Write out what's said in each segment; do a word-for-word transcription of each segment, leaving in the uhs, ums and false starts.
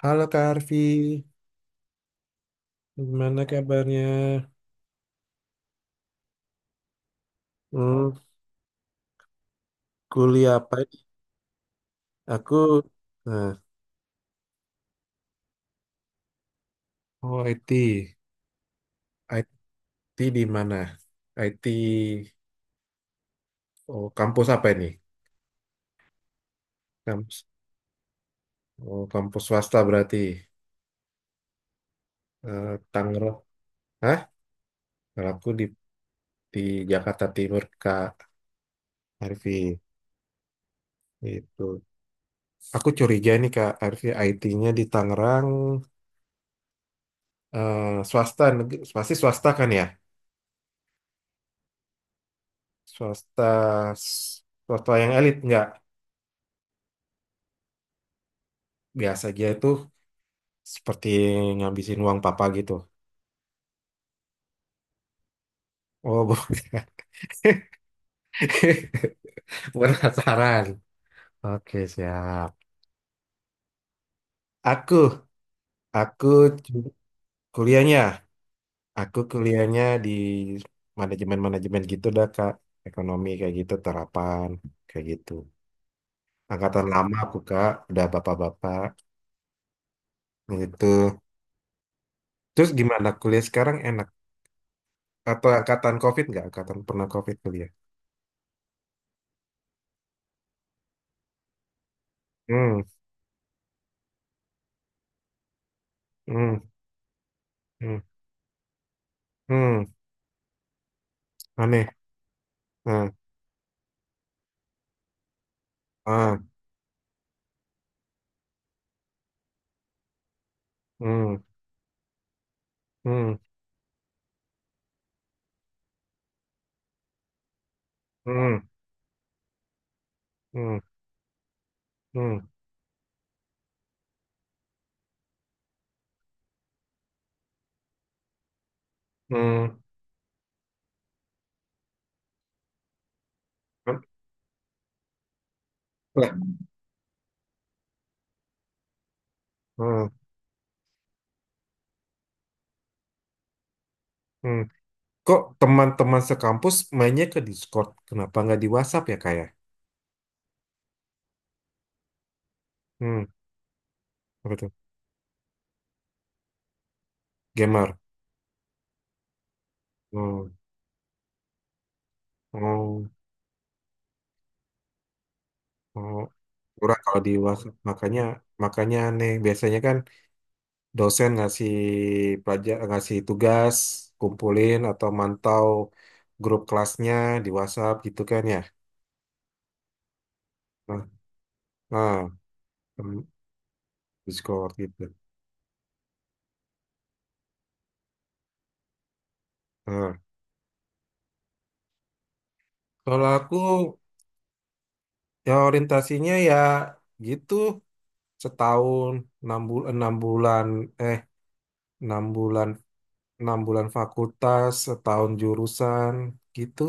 Halo Kak Arfi, gimana kabarnya? Hmm, kuliah apa ini? Aku, nah, oh I T, I T di mana? I T, oh kampus apa ini? Kampus, oh kampus swasta berarti. Eh, Tangerang, hah? Kalau aku di di Jakarta Timur Kak Arfi, itu. Aku curiga nih Kak Arfi, I T-nya di Tangerang, eh, swasta, neg- pasti swasta kan ya? Swasta, swasta yang elit nggak? Biasa aja itu seperti ngabisin uang papa gitu. Oh, bukan. Penasaran. Oke, siap. Aku, aku cu- kuliahnya, aku kuliahnya di manajemen-manajemen gitu dah, Kak. Ekonomi kayak gitu, terapan kayak gitu. Angkatan lama aku, Kak, udah bapak-bapak gitu. Terus gimana kuliah sekarang enak? Atau angkatan COVID nggak? Angkatan pernah COVID kuliah? Hmm, hmm, hmm, hmm, aneh. Hmm. Ah. Hmm, hmm, hmm, อืมอืม, อืมLah, hmm, hmm. Kok teman-teman sekampus mainnya ke Discord? Kenapa nggak di WhatsApp ya kayak? Hmm, apa tuh? Gamer. Hmm, oh, oh. Kurang kalau di WhatsApp. Makanya, makanya aneh. Biasanya kan dosen ngasih pelajar, ngasih tugas, kumpulin atau mantau grup kelasnya di WhatsApp gitu kan ya. Nah, nah, hmm, Discord gitu. Nah, kalau aku ya orientasinya ya gitu setahun enam bulan enam bulan eh enam bulan enam bulan fakultas setahun jurusan gitu.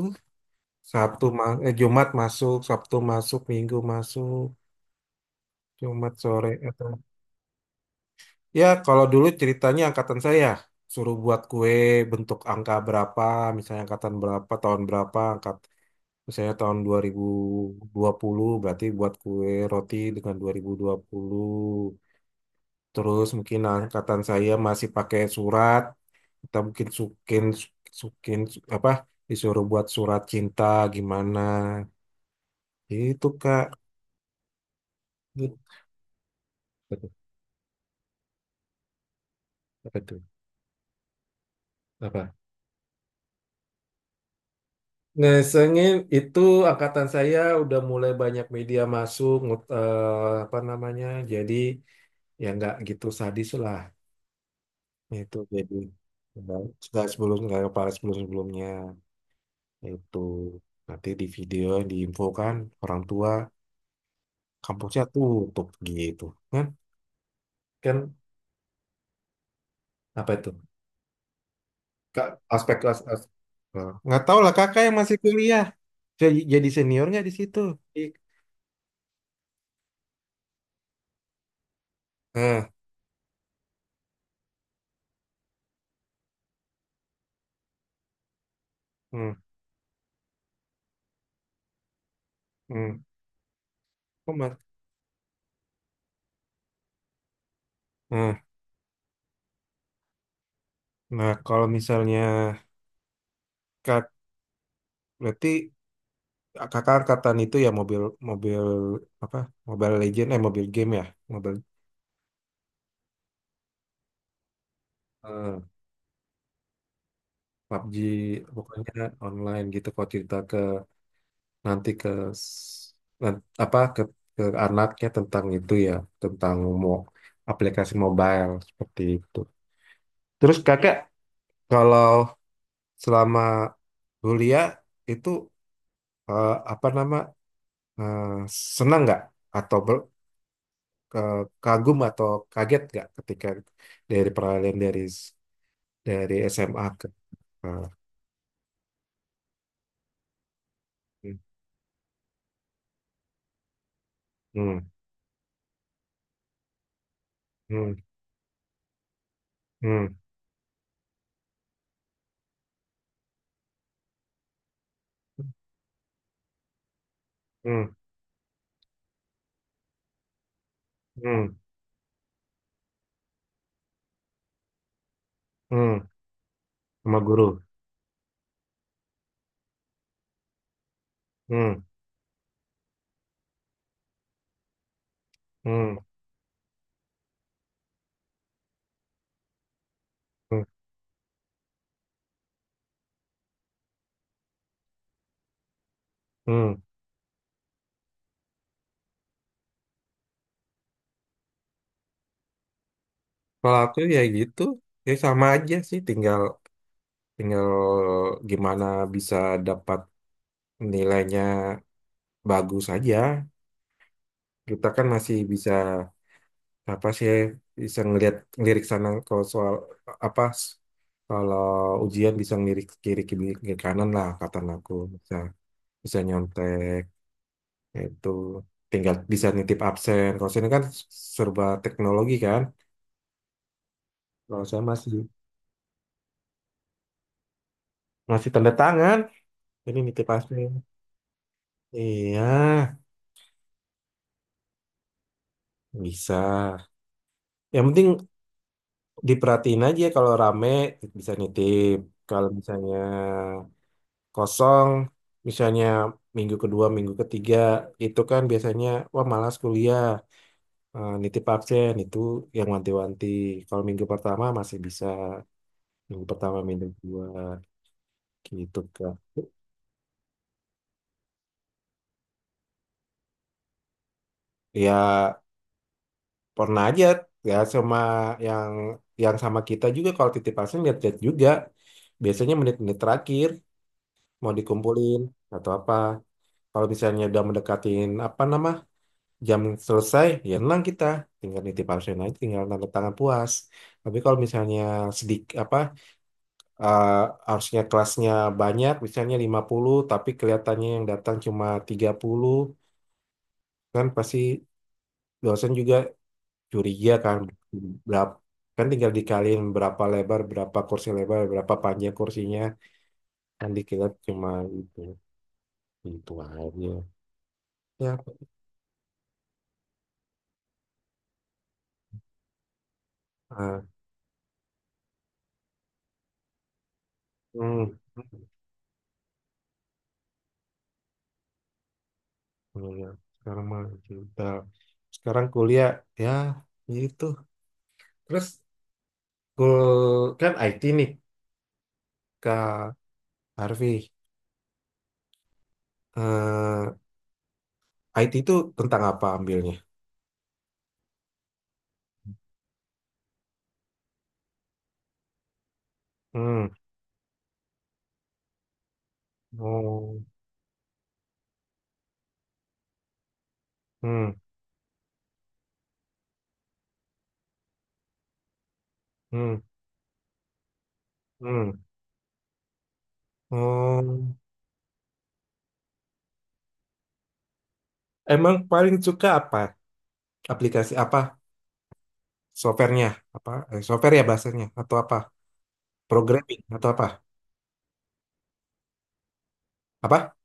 Sabtu ma- eh, Jumat masuk Sabtu masuk Minggu masuk Jumat sore atau ya kalau dulu ceritanya angkatan saya suruh buat kue bentuk angka berapa misalnya angkatan berapa tahun berapa angkat misalnya tahun dua dua ribu dua puluh berarti buat kue roti dengan dua dua ribu dua puluh. Terus mungkin angkatan saya masih pakai surat, kita mungkin sukin sukin su- apa disuruh buat surat cinta gimana. Itu Kak. Apa tuh? Apa tuh? Apa? Nah, sengin itu angkatan saya udah mulai banyak media masuk ngut- eh, apa namanya. Jadi ya nggak gitu sadis lah. Itu jadi nggak nggak sebelum nggak kepala sebelum sebelumnya itu nanti di video diinfokan orang tua kampusnya tutup gitu kan. Kan apa itu? Kak, aspek as, as, eh, nggak tahu lah kakak yang masih kuliah jadi, jadi seniornya di situ I- nah, hmm, hmm. Kok mas- nah, nah, kalau misalnya kak berarti kakak angkatan itu ya mobil mobil apa Mobile Legend eh mobil game ya mobil eh, P U B G pokoknya online gitu kalau cerita nanti ke s- nan- apa ke, ke anaknya tentang itu ya tentang mau aplikasi mobile seperti itu. Terus kakak kalau selama kuliah itu eh, apa nama eh, senang nggak atau ber- ke- kagum atau kaget nggak ketika dari peralihan dari s- dari S M A ke ke- eh, hmm, hmm, hmm, hmm, hmm, hmm, hmm, sama guru. Hmm, hmm, hmm, hmm. Kalau aku ya gitu, ya sama aja sih, tinggal tinggal gimana bisa dapat nilainya bagus aja. Kita kan masih bisa apa sih bisa ngelihat lirik sana kalau soal apa s- kalau ujian bisa ngelirik kiri kiri kiri kanan lah kata aku bisa bisa nyontek itu tinggal bisa nitip absen. Kalau sini kan serba teknologi kan. Kalau saya masih masih tanda tangan, jadi nitip absen. Iya. Bisa. Yang penting diperhatiin aja kalau rame bisa nitip. Kalau misalnya kosong, misalnya minggu kedua, minggu ketiga, itu kan biasanya wah malas kuliah, eh, nitip absen itu yang wanti-wanti. Kalau minggu pertama masih bisa, minggu pertama, minggu kedua gitu kan. Ya pernah aja ya sama yang yang sama kita juga kalau titip absen lihat-lihat juga. Biasanya menit-menit terakhir mau dikumpulin atau apa. Kalau misalnya udah mendekatin apa nama jam selesai, ya tenang kita tinggal nitip absen aja, tinggal tanda tangan puas. Tapi kalau misalnya sedik apa eh, harusnya kelasnya banyak, misalnya lima puluh, tapi kelihatannya yang datang cuma tiga puluh, kan pasti dosen juga curiga kan berapa kan tinggal dikaliin berapa lebar, berapa kursi lebar, berapa panjang kursinya, kan dikira cuma itu, itu aja. Ya, eh, hmm. Iya, iya. Sekarang mah kita sekarang kuliah ya itu. Terus kul kan I T nih Kak Harvey. Eh, I T itu tentang apa ambilnya? Hmm. Oh. Hmm. Hmm. Hmm. Oh. Emang paling suka apa? Aplikasi apa? Softwarenya apa? Eh, software ya bahasanya atau apa? Programming atau apa? Apa?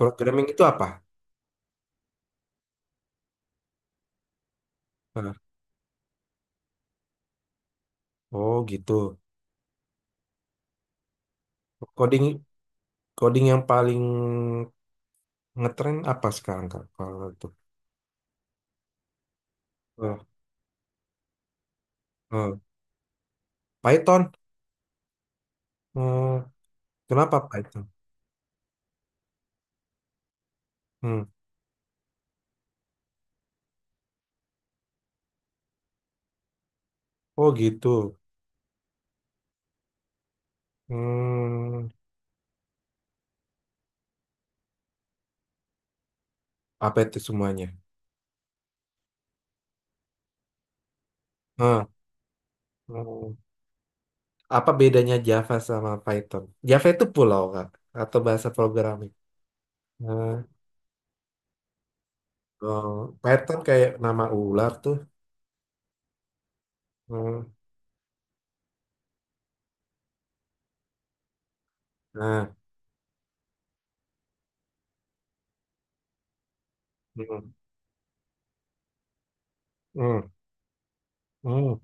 Programming itu apa? Nah, oh gitu. Coding coding yang paling ngetren apa sekarang Kak? Kalau itu Eh, eh, Python. Hmm, kenapa Python? Hmm, oh gitu. Hmm, apa itu semuanya? Eh, hmm, apa bedanya Java sama Python? Java itu pulau Kak atau bahasa programming? Eh, oh, Python kayak nama ular tuh. Hmm, nah, hmm, hmm, hmm,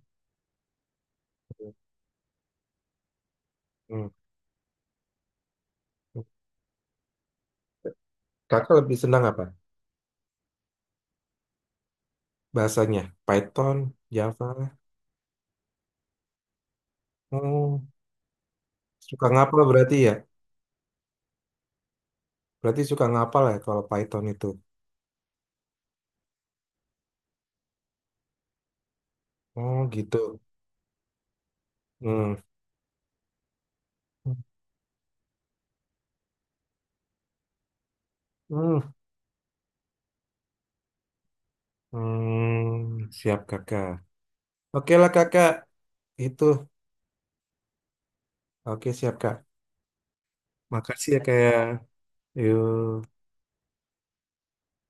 hmm. Hmm. Kakak lebih senang apa? Bahasanya Python, Java. Oh, suka ngapel berarti ya? Berarti suka ngapal ya kalau Python itu. Oh gitu. Hmm. Hmm. Hmm. Siap kakak. Oke lah kakak. Itu. Oke siap kak. Makasih ya kayak. Yuk.